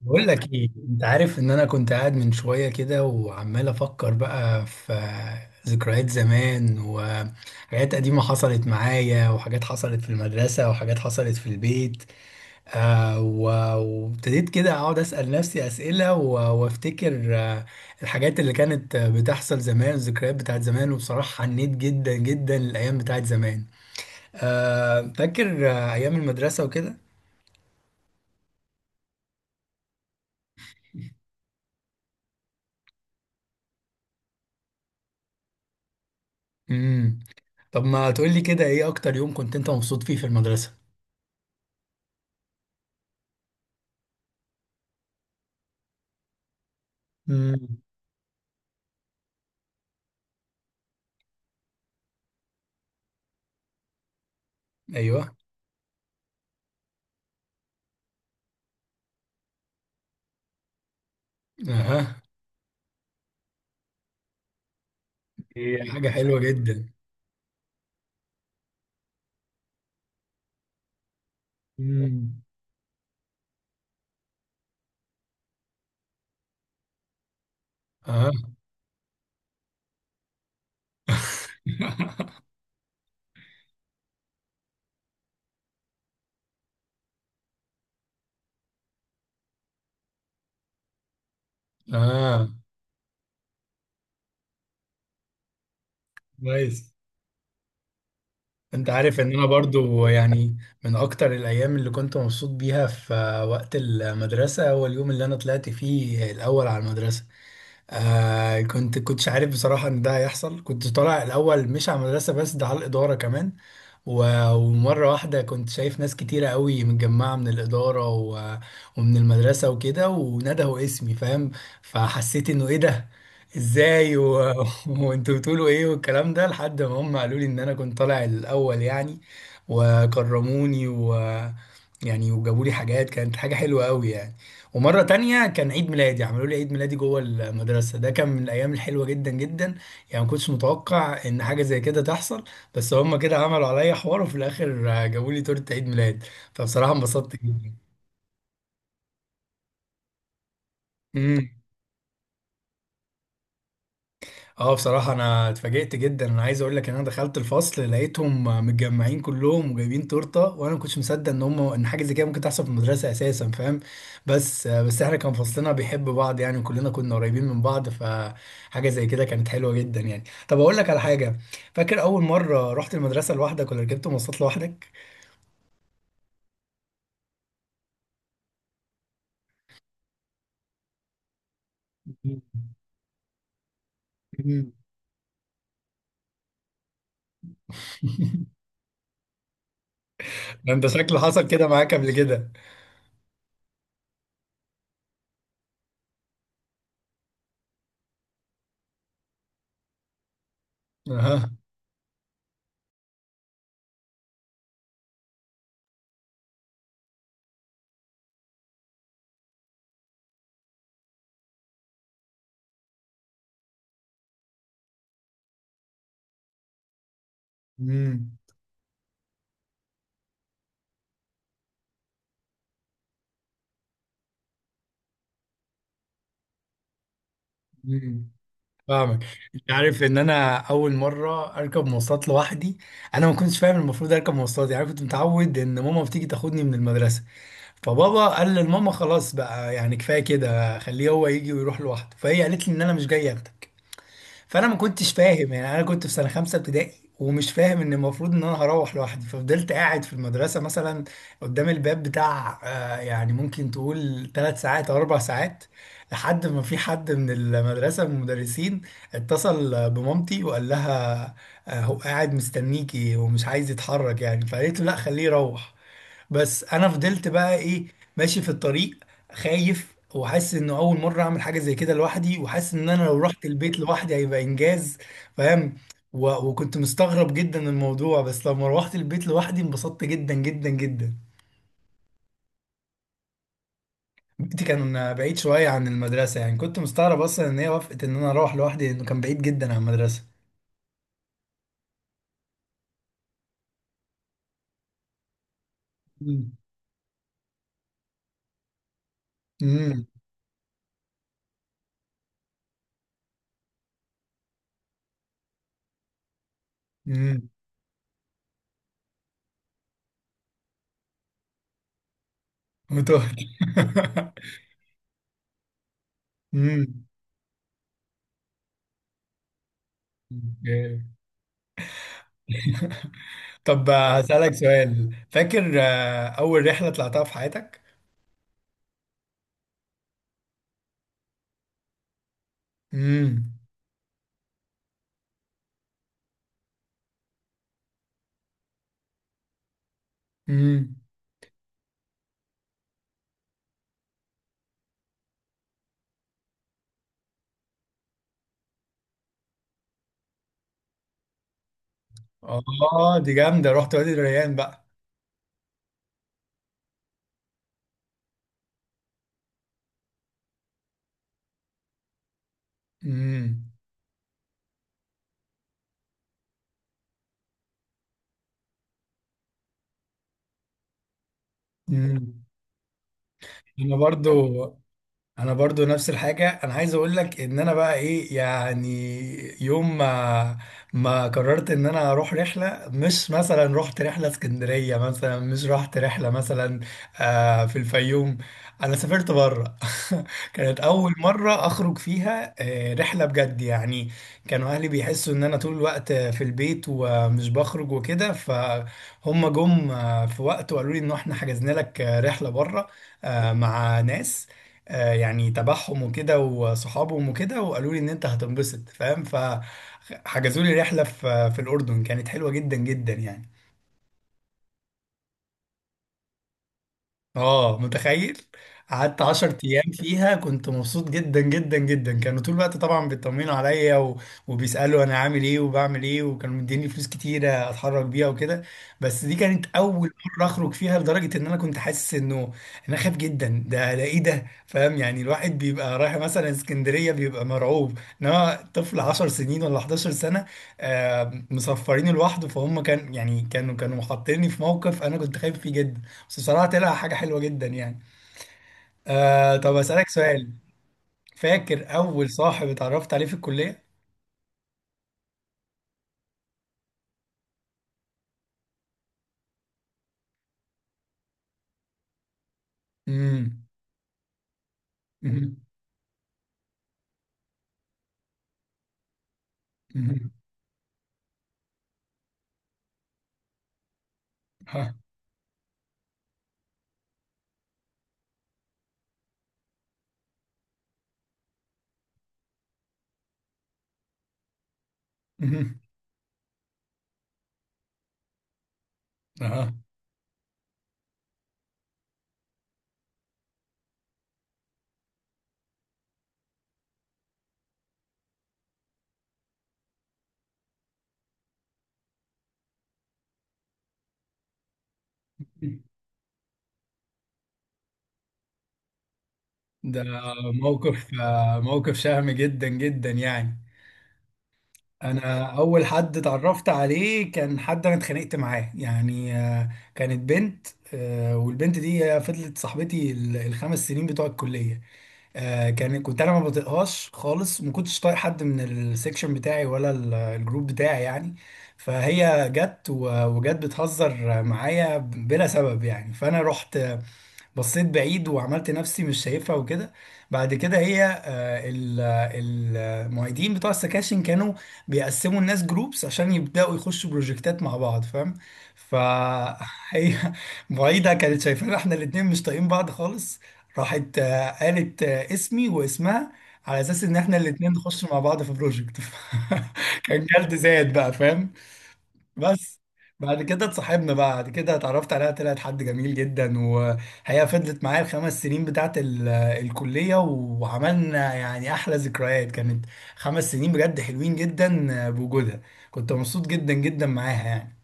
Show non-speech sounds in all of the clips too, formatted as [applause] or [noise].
بقول لك ايه؟ انت عارف ان انا كنت قاعد من شويه كده وعمال افكر بقى في ذكريات زمان وحاجات قديمه حصلت معايا، وحاجات حصلت في المدرسه وحاجات حصلت في البيت. وابتديت كده اقعد اسال نفسي اسئله، وافتكر الحاجات اللي كانت بتحصل زمان، الذكريات بتاعت زمان. وبصراحه حنيت جدا جدا للايام بتاعت زمان. فاكر ايام المدرسه وكده. امم طب ما تقول لي كده، ايه اكتر يوم كنت انت مبسوط فيه في المدرسة؟ مم. ايوه. اها. ايه، حاجة حلوة جدا. مم. اها. [laughs] اه. كويس. انت عارف ان انا برضو يعني من اكتر الايام اللي كنت مبسوط بيها في وقت المدرسة هو اليوم اللي انا طلعت فيه الاول على المدرسة. كنتش عارف بصراحة إن ده هيحصل. كنت طالع الأول مش على المدرسة بس، ده على الإدارة كمان. ومرة واحدة كنت شايف ناس كتيرة قوي متجمعة من الإدارة و... ومن المدرسة وكده، وندهوا اسمي فاهم. فحسيت إنه إيه ده؟ إزاي؟ [laughs] وأنتوا بتقولوا إيه والكلام ده، لحد ما هم قالوا لي إن أنا كنت طالع الأول يعني وكرموني يعني وجابوا لي حاجات. كانت حاجة حلوة قوي يعني. ومرة تانية كان عيد ميلادي، عملوا لي عيد ميلادي جوه المدرسة. ده كان من الأيام الحلوة جدا جدا يعني. ما كنتش متوقع إن حاجة زي كده تحصل، بس هما كده عملوا عليا حوار، وفي الآخر جابوا لي تورتة عيد ميلاد. فبصراحة انبسطت جدا. مم. اه، بصراحة أنا اتفاجئت جدا. أنا عايز أقول لك إن أنا دخلت الفصل لقيتهم متجمعين كلهم وجايبين تورتة، وأنا ما كنتش مصدق إن هم إن حاجة زي كده ممكن تحصل في المدرسة أساسا، فاهم؟ بس إحنا كان فصلنا بيحب بعض يعني، وكلنا كنا قريبين من بعض، فحاجة زي كده كانت حلوة جدا يعني. طب أقول لك على حاجة، فاكر أول مرة رحت المدرسة لوحدك ولا ركبت مواصلات لوحدك؟ [laughs] مم. مم. ده أنت شكله حصل كده معاك قبل كده. أها. مم. مم. فاهمك. انت عارف ان انا اول مره اركب مواصلات لوحدي، انا ما كنتش فاهم المفروض اركب مواصلات. يعني كنت متعود ان ماما بتيجي تاخدني من المدرسه، فبابا قال للماما خلاص بقى، يعني كفايه كده خليه هو يجي ويروح لوحده. فهي قالت لي ان انا مش جاي اخده، فانا ما كنتش فاهم. يعني انا كنت في سنه خمسه ابتدائي ومش فاهم ان المفروض ان انا هروح لوحدي، ففضلت قاعد في المدرسه مثلا قدام الباب بتاع يعني ممكن تقول 3 ساعات او 4 ساعات، لحد ما في حد من المدرسه، من المدرسين، اتصل بمامتي وقال لها هو قاعد مستنيكي ومش عايز يتحرك يعني. فقالت له لا، خليه يروح. بس انا فضلت بقى ايه، ماشي في الطريق خايف، وحاسس انه اول مره اعمل حاجه زي كده لوحدي، وحاسس ان انا لو رحت البيت لوحدي هيبقى انجاز فاهم. و... وكنت مستغرب جدا من الموضوع، بس لما روحت البيت لوحدي انبسطت جدا جدا جدا. بيتي كان بعيد شويه عن المدرسه، يعني كنت مستغرب اصلا ان هي وافقت ان انا اروح لوحدي، لانه كان بعيد جدا عن المدرسه. امم امم امم وتهت. [laughs] امم طب هسألك سؤال، فاكر أول رحلة طلعتها في حياتك؟ امم امم اه دي جامدة، رحت وادي الريان بقى. امم امم انا برضو انا برضو نفس الحاجه. انا عايز اقول لك ان انا بقى ايه يعني، يوم ما قررت ان انا اروح رحله، مش مثلا رحت رحله اسكندريه مثلا، مش رحت رحله مثلا في الفيوم، انا سافرت بره. [laughs] كانت اول مره اخرج فيها رحله بجد يعني. كانوا اهلي بيحسوا ان انا طول الوقت في البيت ومش بخرج وكده، فهم جم في وقت وقالوا لي ان احنا حجزنا لك رحله بره، مع ناس يعني تبعهم وكده وصحابهم وكده. وقالوا لي ان انت هتنبسط فاهم، فحجزوا لي رحله في الاردن، كانت حلوه جدا جدا يعني. اه، متخيل. قعدت 10 ايام فيها، كنت مبسوط جدا جدا جدا. كانوا طول الوقت طبعا بيطمنوا عليا، و... وبيسالوا انا عامل ايه وبعمل ايه، وكانوا مديني فلوس كتيره اتحرك بيها وكده. بس دي كانت اول مره اخرج فيها، لدرجه ان انا كنت حاسس انه انا خايف جدا. ده ايه ده؟ فاهم يعني، الواحد بيبقى رايح مثلا اسكندريه بيبقى مرعوب، انما طفل 10 سنين ولا 11 سنه مسفرين لوحده. فهم كان يعني، كانوا حاطيني في موقف انا كنت خايف فيه جدا. بس بصراحة طلع حاجة حلوة جدا يعني. طب أسألك سؤال، فاكر أول صاحب اتعرفت عليه في الكلية؟ امم امم امم ها. امم ها. ده موقف، شهم جدا جدا يعني. أنا أول حد اتعرفت عليه كان حد أنا اتخانقت معاه يعني. كانت بنت، والبنت دي فضلت صاحبتي ال- الخمس سنين بتوع الكلية. آه كان كنت انا ما بطيقهاش خالص، وما كنتش طايق حد من السكشن بتاعي ولا ال- الجروب بتاعي يعني. فهي جت و- وجت بتهزر معايا بلا سبب يعني، فانا رحت بصيت بعيد وعملت نفسي مش شايفها وكده. بعد كده هي، المعيدين بتوع السكاشن كانوا بيقسموا الناس جروبس عشان يبدأوا يخشوا بروجكتات مع بعض فاهم. فهي [laughs] معيدة كانت شايفانا احنا الاتنين مش طايقين بعض خالص، راحت قالت اسمي واسمها على اساس ان احنا الاتنين نخش مع بعض في بروجكت. [laughs] كان جلد زايد بقى فاهم. بس بعد كده اتصاحبنا بقى. بعد كده اتعرفت عليها طلعت حد جميل جدا، وهي فضلت معايا ال 5 سنين بتاعت ال- الكلية وعملنا يعني أحلى ذكريات. كانت 5 سنين بجد حلوين جدا بوجودها، كنت مبسوط جدا جدا معاها يعني.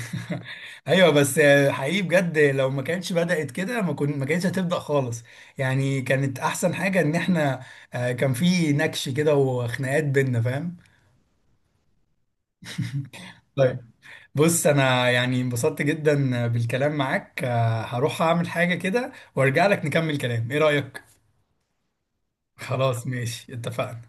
[laughs] ايوه بس حقيقي بجد، لو ما كانتش بدأت كده ما كانتش هتبدأ خالص يعني. كانت احسن حاجة ان احنا كان في نكش كده وخناقات بينا فاهم. بص انا يعني انبسطت جدا بالكلام معاك. هروح اعمل حاجة كده وارجع لك نكمل كلام، ايه رأيك؟ خلاص ماشي، اتفقنا.